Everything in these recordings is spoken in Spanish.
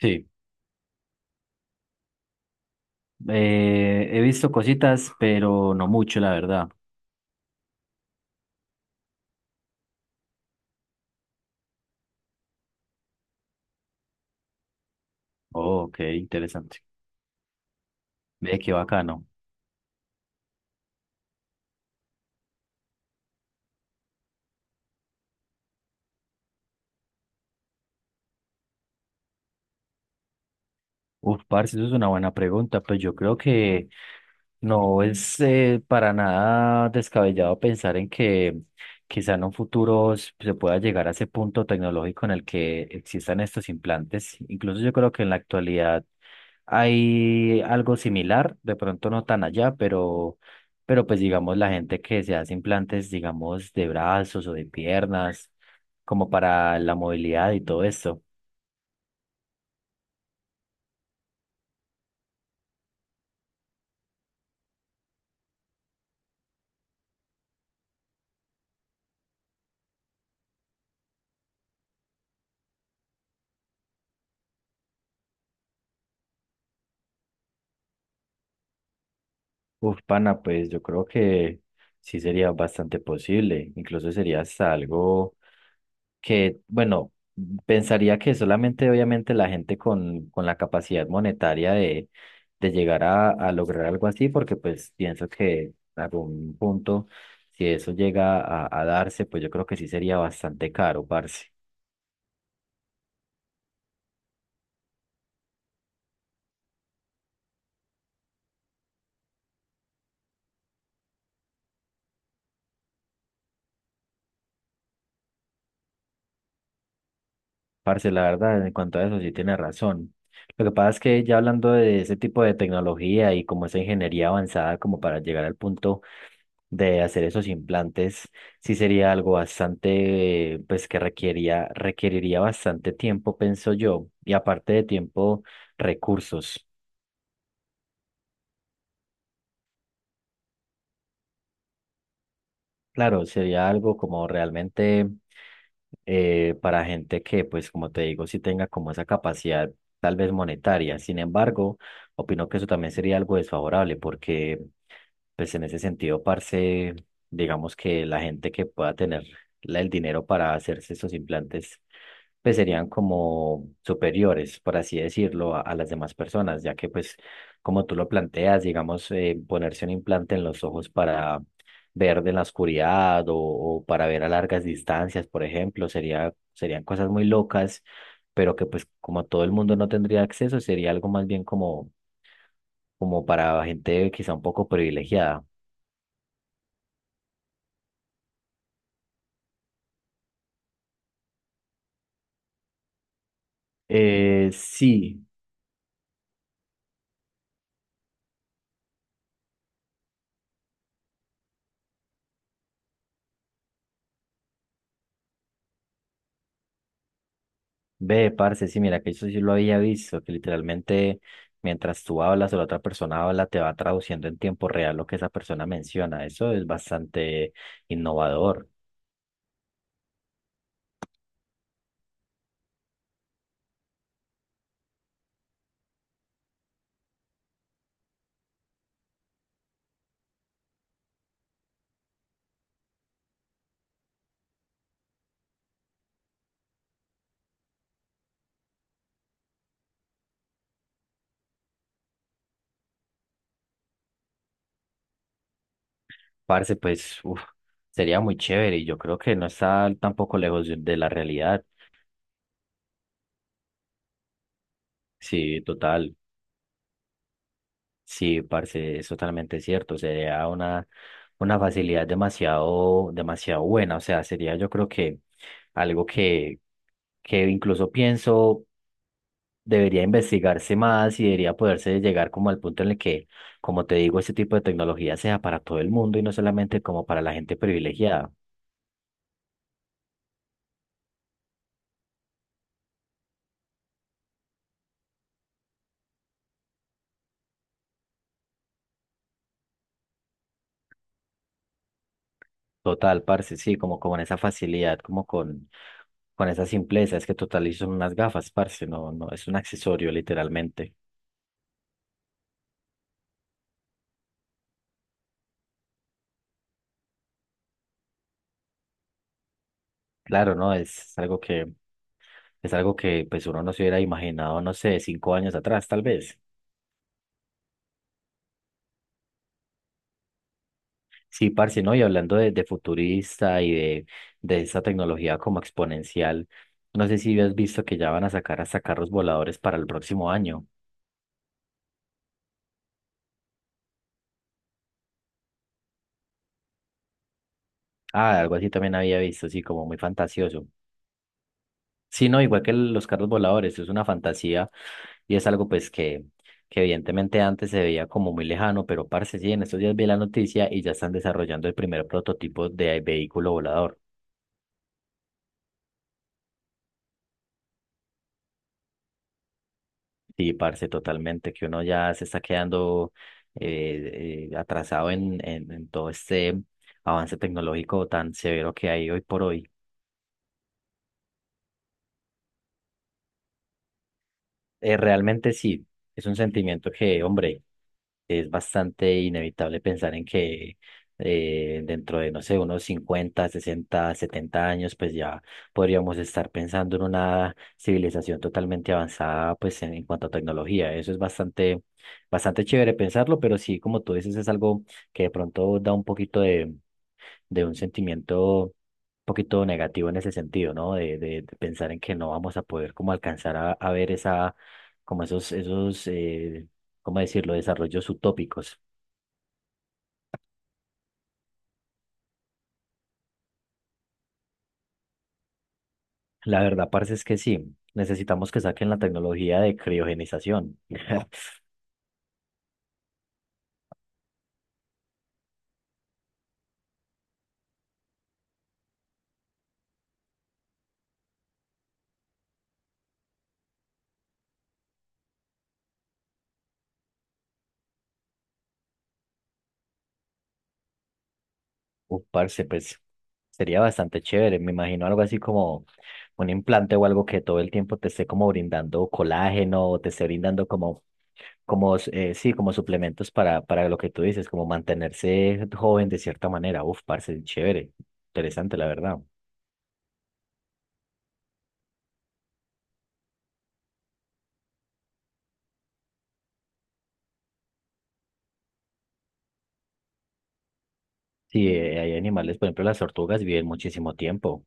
Sí, he visto cositas, pero no mucho, la verdad. Oh, qué interesante. Ve, qué bacano. Uf, parce, eso es una buena pregunta. Pues yo creo que no es para nada descabellado pensar en que quizá en un futuro se pueda llegar a ese punto tecnológico en el que existan estos implantes. Incluso yo creo que en la actualidad hay algo similar, de pronto no tan allá, pero pues digamos la gente que se hace implantes, digamos, de brazos o de piernas, como para la movilidad y todo esto. Uf, pana, pues yo creo que sí sería bastante posible, incluso sería hasta algo que, bueno, pensaría que solamente obviamente la gente con la capacidad monetaria de llegar a lograr algo así, porque pues pienso que en algún punto, si eso llega a darse, pues yo creo que sí sería bastante caro, parce. Parce, la verdad, en cuanto a eso sí tiene razón. Lo que pasa es que ya hablando de ese tipo de tecnología y como esa ingeniería avanzada como para llegar al punto de hacer esos implantes sí sería algo bastante, pues que requeriría bastante tiempo, pienso yo, y aparte de tiempo, recursos. Claro, sería algo como realmente para gente que, pues como te digo, sí tenga como esa capacidad tal vez monetaria. Sin embargo, opino que eso también sería algo desfavorable porque, pues en ese sentido, parce, digamos que la gente que pueda tener el dinero para hacerse esos implantes pues serían como superiores, por así decirlo, a las demás personas, ya que pues como tú lo planteas, digamos, ponerse un implante en los ojos para ver de la oscuridad o para ver a largas distancias, por ejemplo, serían cosas muy locas, pero que pues como todo el mundo no tendría acceso, sería algo más bien como, como para gente quizá un poco privilegiada. Sí. Ve, parce, sí, mira, que eso sí lo había visto, que literalmente mientras tú hablas o la otra persona habla, te va traduciendo en tiempo real lo que esa persona menciona. Eso es bastante innovador. Parce, pues, uf, sería muy chévere y yo creo que no está tampoco lejos de la realidad. Sí, total. Sí, parce, es totalmente cierto. Sería una facilidad demasiado, demasiado buena. O sea, sería yo creo que algo que incluso pienso debería investigarse más y debería poderse llegar como al punto en el que, como te digo, este tipo de tecnología sea para todo el mundo y no solamente como para la gente privilegiada. Total, parce, sí, como con esa facilidad, como con esa simpleza, es que total y son unas gafas, parce, no, no, es un accesorio literalmente. Claro, ¿no? Es algo que pues uno no se hubiera imaginado, no sé, 5 años atrás, tal vez. Sí, parce, ¿no? Y hablando de futurista y de esa tecnología como exponencial, no sé si has visto que ya van a sacar hasta carros voladores para el próximo año. Ah, algo así también había visto, sí, como muy fantasioso. Sí, no, igual que los carros voladores, es una fantasía y es algo pues que evidentemente antes se veía como muy lejano, pero parce, sí, en estos días vi la noticia y ya están desarrollando el primer prototipo de vehículo volador. Sí, parce, totalmente, que uno ya se está quedando atrasado en todo este avance tecnológico tan severo que hay hoy por hoy. Realmente sí, es un sentimiento que, hombre, es bastante inevitable pensar en que dentro de, no sé, unos 50, 60, 70 años, pues ya podríamos estar pensando en una civilización totalmente avanzada, pues en cuanto a tecnología. Eso es bastante, bastante chévere pensarlo, pero sí, como tú dices, es algo que de pronto da un poquito de un sentimiento un poquito negativo en ese sentido, ¿no? De pensar en que no vamos a poder como alcanzar a ver esa, como esos, ¿cómo decirlo? Desarrollos utópicos. La verdad, parce, es que sí, necesitamos que saquen la tecnología de criogenización. Uf, parce, pues sería bastante chévere. Me imagino algo así como un implante o algo que todo el tiempo te esté como brindando colágeno o te esté brindando como como, sí, como suplementos para lo que tú dices, como mantenerse joven de cierta manera. Uf, parce, chévere, interesante, la verdad. Sí, hay animales, por ejemplo, las tortugas viven muchísimo tiempo.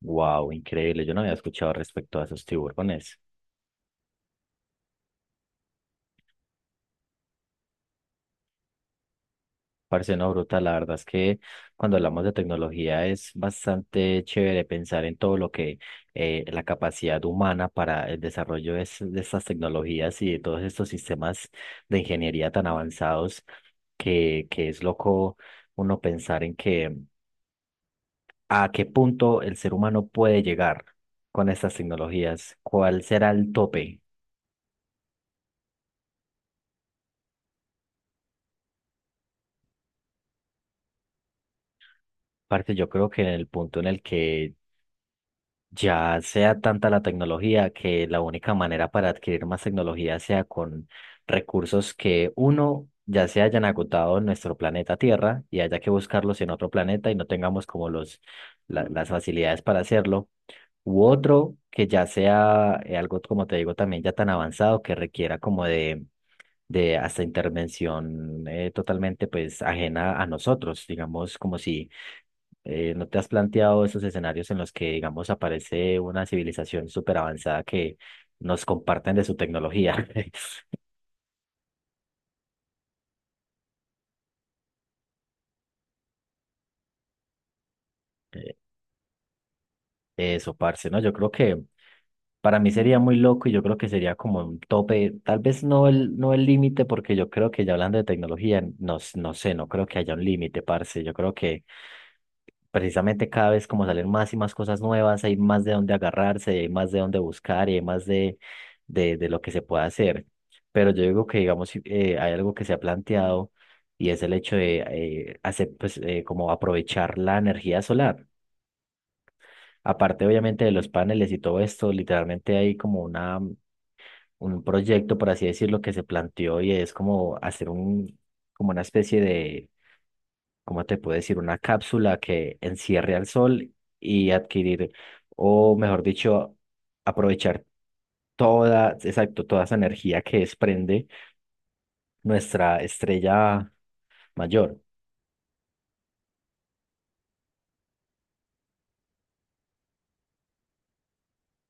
Wow, increíble. Yo no había escuchado respecto a esos tiburones. Parce, no, brutal, la verdad es que cuando hablamos de tecnología es bastante chévere pensar en todo lo que la capacidad humana para el desarrollo de, de estas tecnologías y de todos estos sistemas de ingeniería tan avanzados que es loco uno pensar en que a qué punto el ser humano puede llegar con estas tecnologías, cuál será el tope. Parte, yo creo que en el punto en el que ya sea tanta la tecnología que la única manera para adquirir más tecnología sea con recursos que uno ya se hayan agotado en nuestro planeta Tierra y haya que buscarlos en otro planeta y no tengamos como los, las facilidades para hacerlo, u otro que ya sea algo, como te digo, también ya tan avanzado que requiera como de hasta intervención totalmente pues ajena a nosotros, digamos como si ¿no te has planteado esos escenarios en los que, digamos, aparece una civilización súper avanzada que nos comparten de su tecnología? Eh, eso, parce, ¿no? Yo creo que para mí sería muy loco y yo creo que sería como un tope, tal vez no el, no el límite, porque yo creo que ya hablando de tecnología, no, no sé, no creo que haya un límite, parce. Yo creo que precisamente cada vez como salen más y más cosas nuevas, hay más de dónde agarrarse, hay más de dónde buscar y hay más de lo que se puede hacer. Pero yo digo que, digamos, si, hay algo que se ha planteado y es el hecho de hacer, pues, como aprovechar la energía solar. Aparte, obviamente, de los paneles y todo esto, literalmente hay como una, un proyecto, por así decirlo, que se planteó y es como hacer un, como una especie de ¿cómo te puedo decir? Una cápsula que encierre al sol y adquirir, o mejor dicho, aprovechar toda, exacto, toda esa energía que desprende nuestra estrella mayor.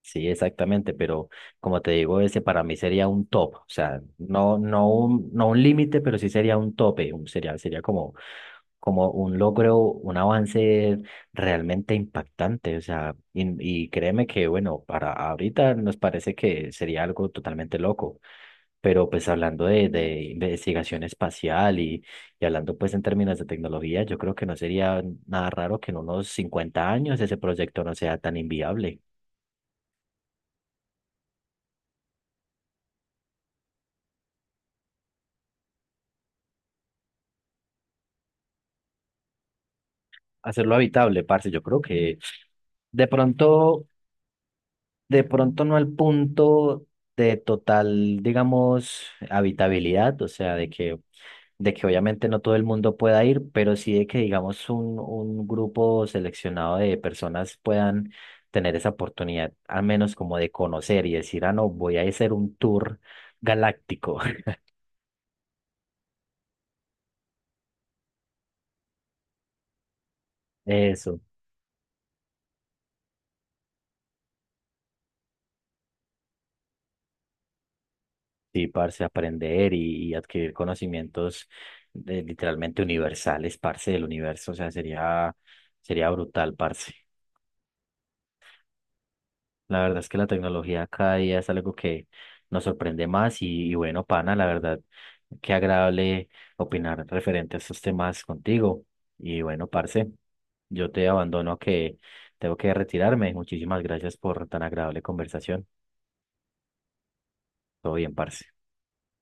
Sí, exactamente, pero como te digo, ese para mí sería un top, o sea, no, no un, no un límite, pero sí sería un tope, sería, sería como como un logro, un avance realmente impactante. O sea, y créeme que, bueno, para ahorita nos parece que sería algo totalmente loco, pero pues hablando de investigación espacial y hablando pues en términos de tecnología, yo creo que no sería nada raro que en unos 50 años ese proyecto no sea tan inviable. Hacerlo habitable, parce, yo creo que de pronto, de pronto no al punto de total, digamos, habitabilidad, o sea, de que obviamente no todo el mundo pueda ir, pero sí de que digamos un grupo seleccionado de personas puedan tener esa oportunidad, al menos como de conocer y decir, ah, no, voy a hacer un tour galáctico. Eso, sí, parce, aprender y adquirir conocimientos literalmente universales, parce, del universo, o sea, sería, sería brutal, parce. La verdad es que la tecnología cada día es algo que nos sorprende más y bueno, pana, la verdad, qué agradable opinar referente a estos temas contigo. Y bueno, parce, yo te abandono que tengo que retirarme. Muchísimas gracias por tan agradable conversación. Todo bien, parce.